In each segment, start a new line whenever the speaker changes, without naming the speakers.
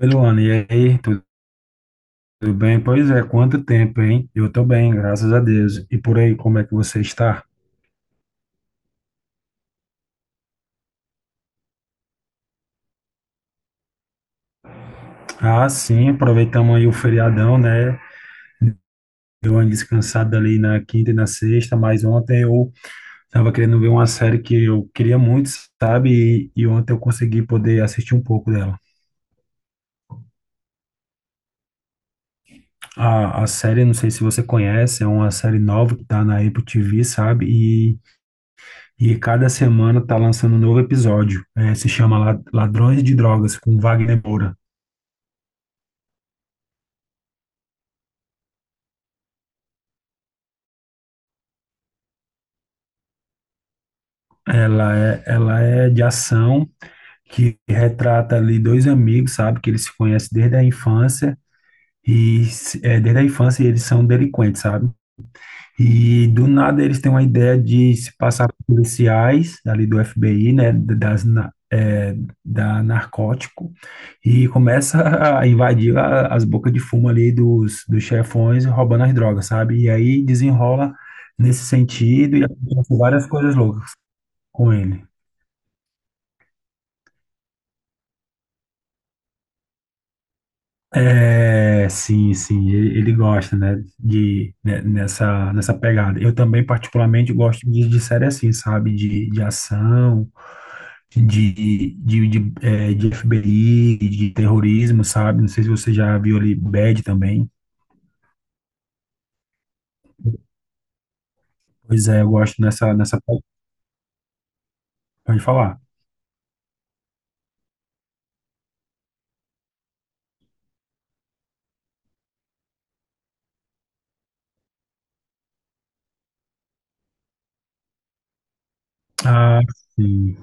Oi, Luana, e aí, tudo bem? Pois é, quanto tempo, hein? Eu tô bem, graças a Deus. E por aí, como é que você está? Ah, sim, aproveitamos aí o feriadão, né? Eu ando descansado ali na quinta e na sexta, mas ontem eu tava querendo ver uma série que eu queria muito, sabe? E ontem eu consegui poder assistir um pouco dela. A série, não sei se você conhece, é uma série nova que tá na Apple TV, sabe? E cada semana tá lançando um novo episódio. É, se chama Ladrões de Drogas, com Wagner Moura. Ela é de ação, que retrata ali dois amigos, sabe? Que eles se conhecem desde a infância. E desde a infância eles são delinquentes, sabe? E do nada eles têm uma ideia de se passar por policiais ali do FBI, né? Da narcótico. E começa a invadir as bocas de fumo ali dos chefões, roubando as drogas, sabe? E aí desenrola nesse sentido e acontece várias coisas loucas com ele. É, sim, sim, ele gosta, né, de, né, nessa pegada. Eu também, particularmente, gosto de série assim, sabe, de ação, de FBI, de terrorismo, sabe, não sei se você já viu ali Bad também. Pois é, eu gosto pode falar. Ah, sim.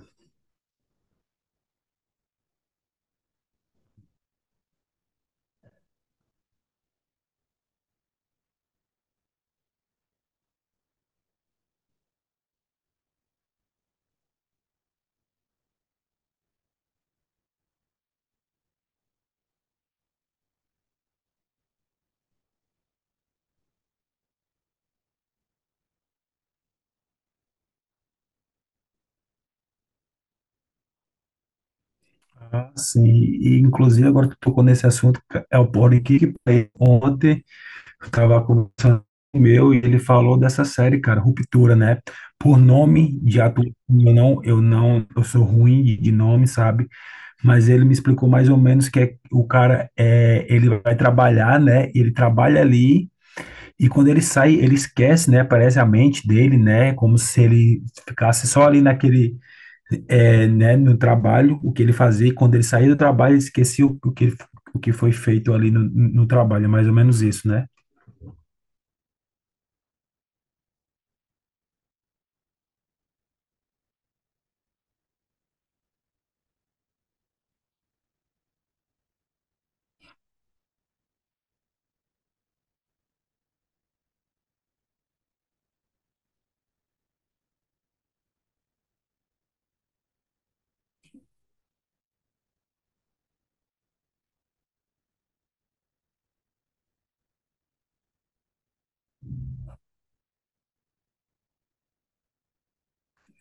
Ah, sim, e inclusive agora que tocou nesse assunto, é o Politic Play. Ontem eu tava conversando com o meu e ele falou dessa série, cara, Ruptura, né? Por nome de ator, eu não, eu sou ruim de nome, sabe? Mas ele me explicou mais ou menos que é, o cara é, ele vai trabalhar, né? Ele trabalha ali e quando ele sai, ele esquece, né? Parece a mente dele, né? Como se ele ficasse só ali naquele, é, né? No trabalho, o que ele fazia. E quando ele saía do trabalho, ele esquecia o que foi feito ali no trabalho, é mais ou menos isso, né?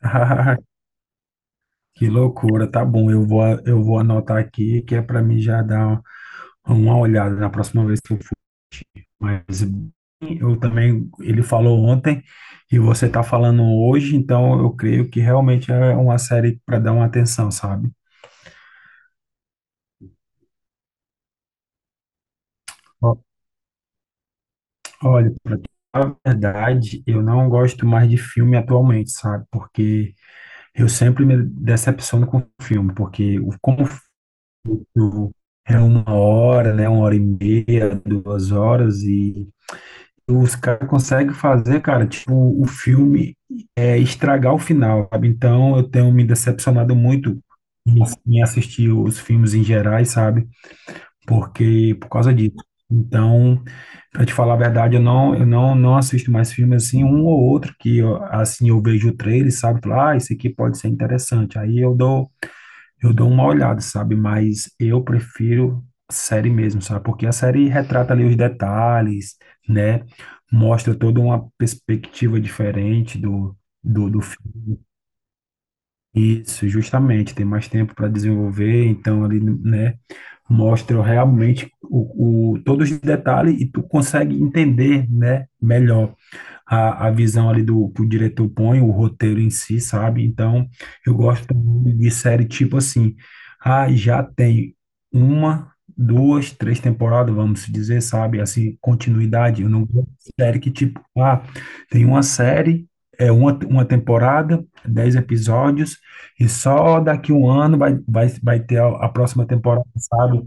Que loucura, tá bom. Eu vou anotar aqui, que é para mim já dar uma olhada na próxima vez que eu for. Mas eu também, ele falou ontem e você tá falando hoje, então eu creio que realmente é uma série para dar uma atenção, sabe? Ó, Olha, pra falar a verdade, eu não gosto mais de filme atualmente, sabe? Porque eu sempre me decepciono com filme, porque o como o filme é uma hora, né? Uma hora e meia, duas horas e os caras conseguem fazer, cara, tipo, o filme é, estragar o final, sabe? Então eu tenho me decepcionado muito em, em assistir os filmes em gerais, sabe? Porque, por causa disso. Então, pra te falar a verdade, eu não, não assisto mais filmes assim, um ou outro que, eu, assim, eu vejo o trailer, sabe? Falo, ah, esse aqui pode ser interessante. Aí eu dou uma olhada, sabe? Mas eu prefiro série mesmo, sabe? Porque a série retrata ali os detalhes, né? Mostra toda uma perspectiva diferente do filme. Isso, justamente. Tem mais tempo para desenvolver, então ali, né? Mostra realmente todos os detalhes e tu consegue entender, né? Melhor a visão ali do que o diretor põe, o roteiro em si, sabe? Então, eu gosto muito de série tipo assim, ah, já tem uma, duas, três temporadas, vamos dizer, sabe? Assim, continuidade. Eu não gosto de série que tipo, ah, tem uma série, é uma temporada, dez episódios, e só daqui um ano vai ter a próxima temporada, sabe?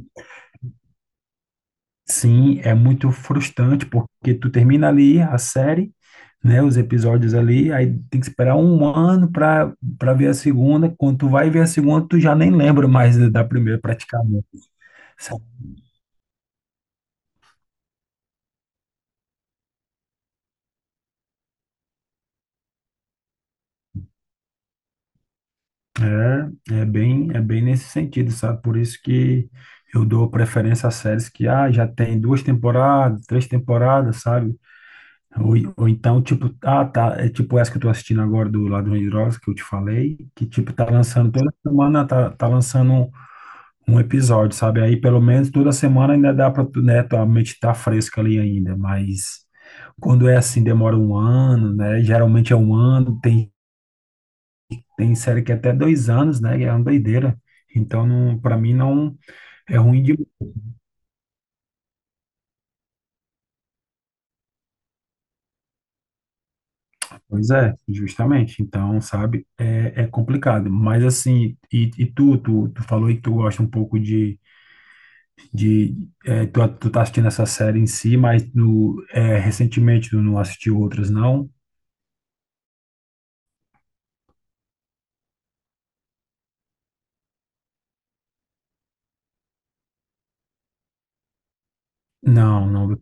Sim, é muito frustrante, porque tu termina ali a série, né, os episódios ali, aí tem que esperar um ano para para ver a segunda. Quando tu vai ver a segunda, tu já nem lembra mais da primeira praticamente. Sabe? É, é bem nesse sentido, sabe? Por isso que eu dou preferência a séries que ah, já tem duas temporadas, três temporadas, sabe? Ou então, tipo, ah, tá, é tipo essa que eu tô assistindo agora do Ladrão de Drogas, que eu te falei, que, tipo, tá lançando toda semana, tá, tá lançando um episódio, sabe? Aí pelo menos toda semana ainda dá para, né, tua mente tá fresca ali ainda, mas quando é assim, demora um ano, né? Geralmente é um ano, tem série que é até dois anos, né? É uma doideira. Então, não, para mim, não é ruim de. Pois é, justamente. Então, sabe, é, é complicado. Mas, assim, e tu falou aí que tu gosta um pouco de. De é, tu tá assistindo essa série em si, mas no, é, recentemente tu não assistiu outras, não? Não, não.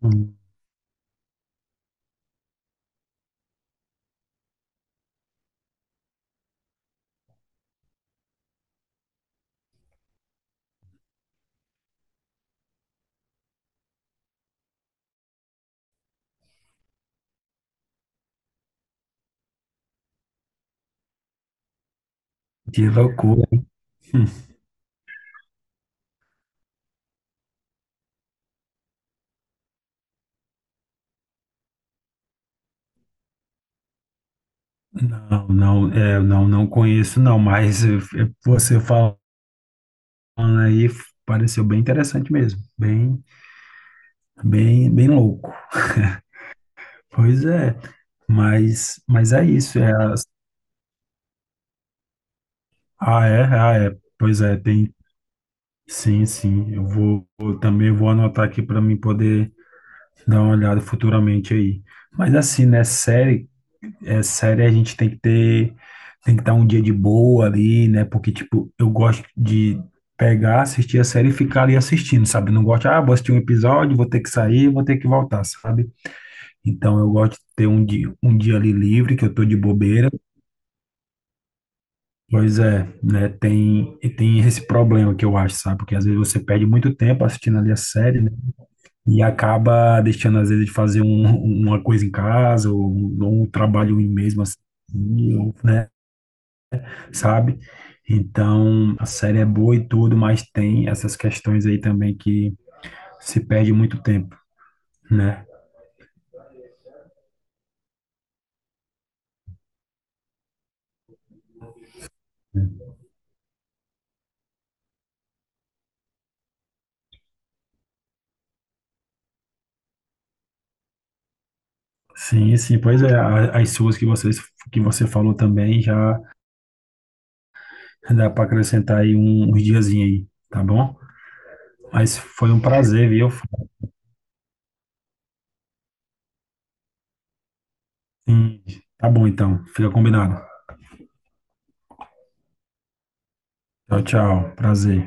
Hum, que loucura. Hum, Não, não, é, não, não conheço, não, mas você falando aí pareceu bem interessante mesmo, bem, bem, bem louco. Pois é, mas é isso. É, pois é, tem, sim, sim. Eu também vou anotar aqui para mim poder dar uma olhada futuramente aí. Mas assim, né, série, é sério, a gente tem que ter, tem que dar um dia de boa ali, né? Porque, tipo, eu gosto de pegar, assistir a série e ficar ali assistindo, sabe? Não gosto, ah, vou assistir um episódio, vou ter que sair, vou ter que voltar, sabe? Então eu gosto de ter um dia ali livre, que eu tô de bobeira. Pois é, né? Tem, e tem esse problema que eu acho, sabe? Porque às vezes você perde muito tempo assistindo ali a série, né? E acaba deixando, às vezes, de fazer uma coisa em casa, ou um trabalho em mesmo assim, né? Sabe? Então, a série é boa e tudo, mas tem essas questões aí também que se perde muito tempo, né? Sim, sim, pois é, a- as suas que vocês que você falou também já dá para acrescentar aí uns diazinhos aí, tá bom? Mas foi um prazer, viu? Sim, tá bom então, fica combinado. Tchau, tchau, prazer.